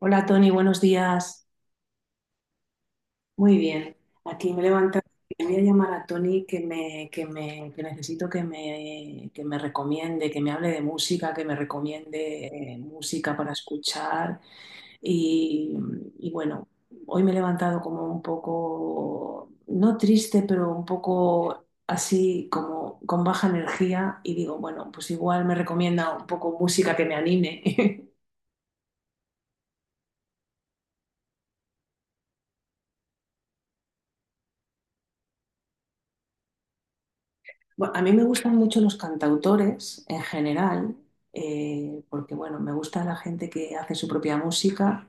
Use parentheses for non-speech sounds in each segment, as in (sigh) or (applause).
Hola Tony, buenos días. Muy bien. Aquí me he levantado y voy a llamar a Tony que necesito que me recomiende, que me hable de música, que me recomiende música para escuchar. Y, y bueno, hoy me he levantado como un poco, no triste, pero un poco así como con baja energía y digo, bueno, pues igual me recomienda un poco música que me anime. (laughs) Bueno, a mí me gustan mucho los cantautores en general, porque bueno, me gusta la gente que hace su propia música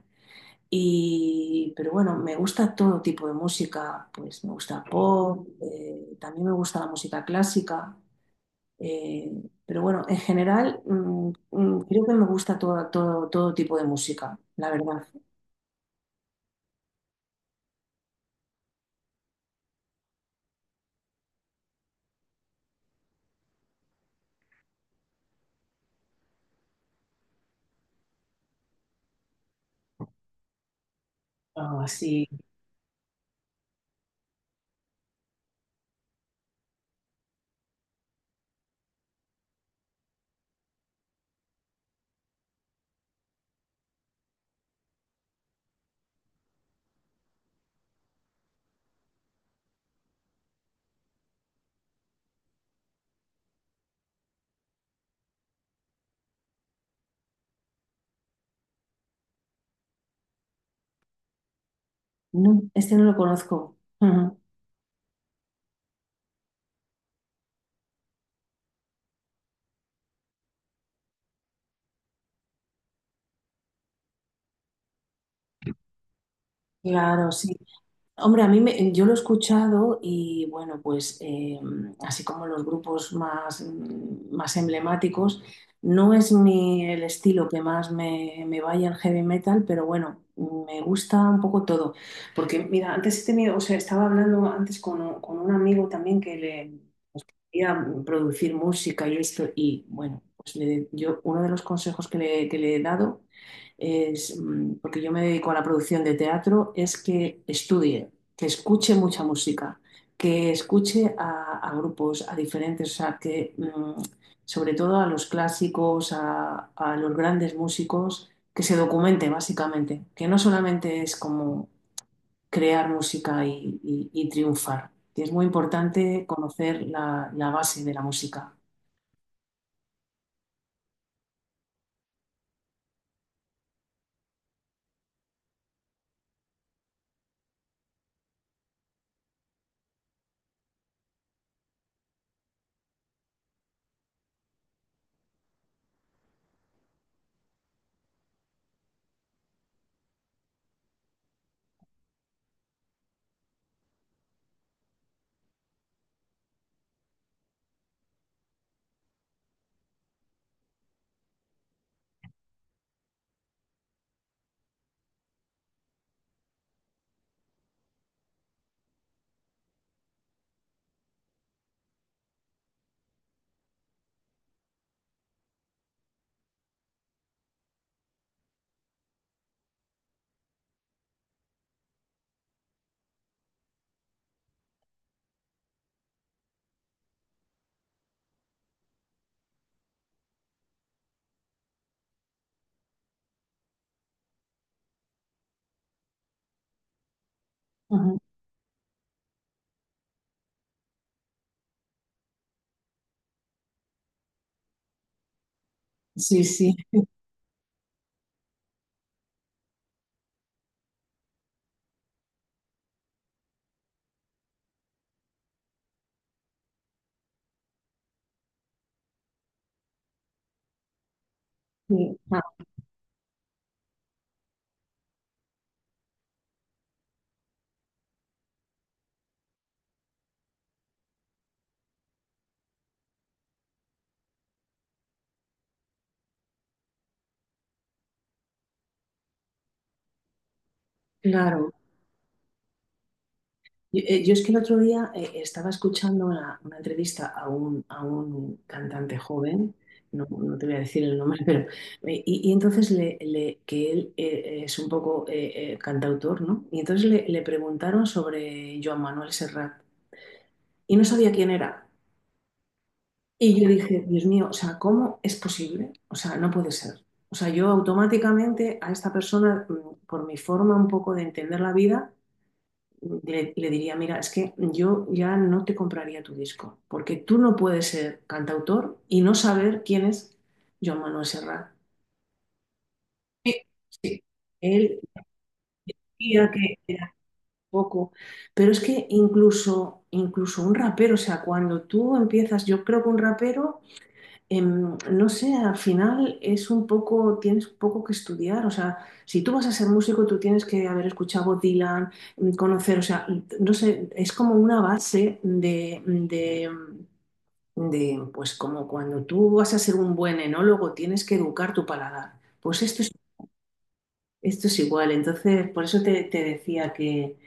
y, pero bueno, me gusta todo tipo de música, pues me gusta pop, también me gusta la música clásica, eh, pero bueno, en general creo que me gusta todo tipo de música, la verdad. Ah, sí. No, este no lo conozco. Ujú. Claro, sí. Hombre, yo lo he escuchado y bueno, pues así como los grupos más, más emblemáticos, no es mi, el estilo que más me vaya el heavy metal, pero bueno, me gusta un poco todo. Porque mira, antes he tenido, o sea, estaba hablando antes con un amigo también quería producir música y esto, y bueno, yo uno de los consejos que le he dado es, porque yo me dedico a la producción de teatro, es que estudie, que escuche mucha música, que escuche a grupos, a diferentes, o sea, sobre todo a los clásicos, a los grandes músicos, que se documente básicamente, que no solamente es como crear música y triunfar. Y es muy importante conocer la base de la música. Ujú. Sí, sí, sí, ah, claro. Yo es que el otro día estaba escuchando una entrevista a a un cantante joven, no, no te voy a decir el nombre, (laughs) pero y entonces que él es un poco cantautor, ¿no? Y entonces le preguntaron sobre Joan Manuel Serrat y no sabía quién era. Y yo dije, Dios mío, o sea, ¿cómo es posible? O sea, no puede ser. O sea, yo automáticamente a esta persona, por mi forma un poco de entender la vida, le diría, mira, es que yo ya no te compraría tu disco, porque tú no puedes ser cantautor y no saber quién es Joan Manuel Serrat. Sí, sí. Él decía que era poco, pero es que incluso un rapero, o sea, cuando tú empiezas, yo creo que un rapero no sé, al final es un poco, tienes un poco que estudiar, o sea, si tú vas a ser músico, tú tienes que haber escuchado Bob Dylan, conocer, o sea, no sé, es como una base de, pues como cuando tú vas a ser un buen enólogo, tienes que educar tu paladar. Pues esto es igual, entonces por eso te decía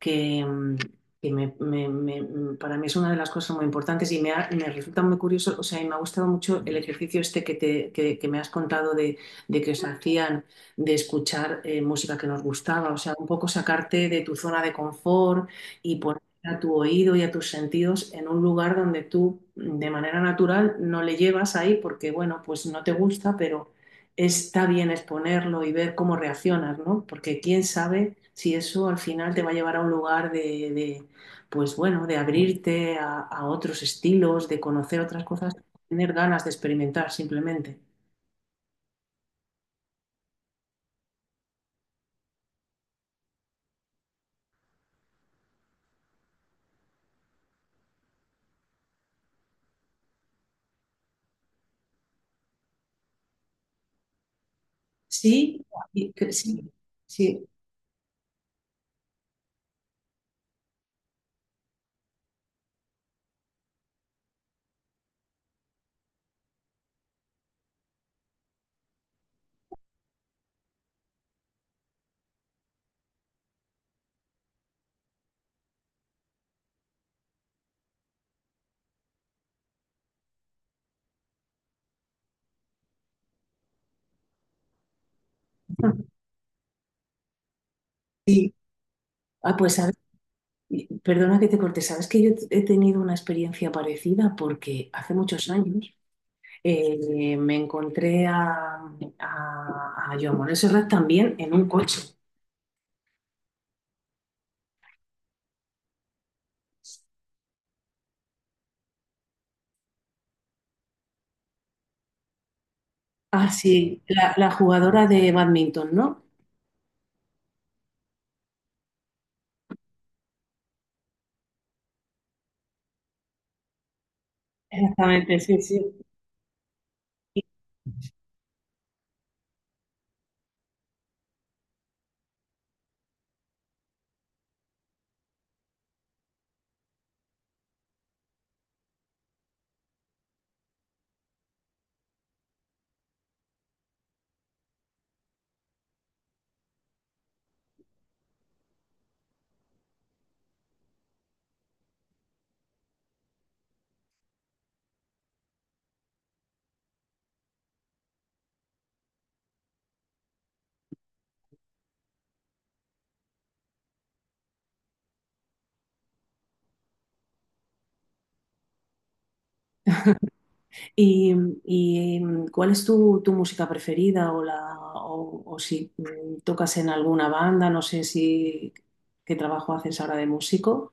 que, mm, que para mí es una de las cosas muy importantes y me resulta muy curioso, o sea, y me ha gustado mucho el ejercicio este que me has contado de que os hacían de escuchar música que nos gustaba, o sea, un poco sacarte de tu zona de confort y poner a tu oído y a tus sentidos en un lugar donde tú de manera natural no le llevas ahí porque, bueno, pues no te gusta, pero está bien exponerlo y ver cómo reaccionas, ¿no? Porque quién sabe si eso al final te va a llevar a un lugar de, pues bueno, de abrirte a otros estilos, de conocer otras cosas, tener ganas de experimentar simplemente. Sí, sí, sí, sí. Ah, pues ¿sabes? Perdona que te corte, sabes que yo he tenido una experiencia parecida porque hace muchos años me encontré a Joan Manuel Serrat también en un coche. Ah, sí, la jugadora de badminton, ¿no? Exactamente, sí, sí. ¿Y, cuál es tu música preferida o si tocas en alguna banda? No sé si qué trabajo haces ahora de músico.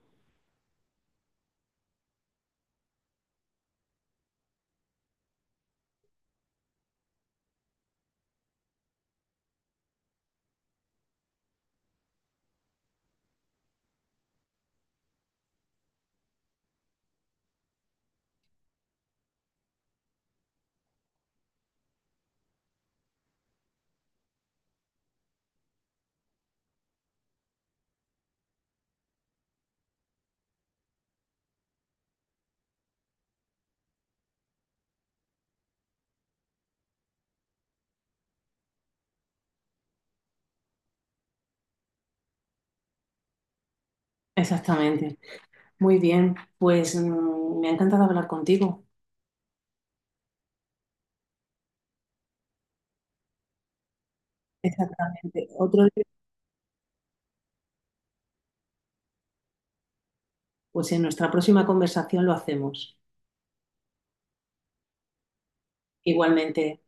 Exactamente. Muy bien, pues me ha encantado hablar contigo. Exactamente. Otro día, pues en nuestra próxima conversación lo hacemos. Igualmente.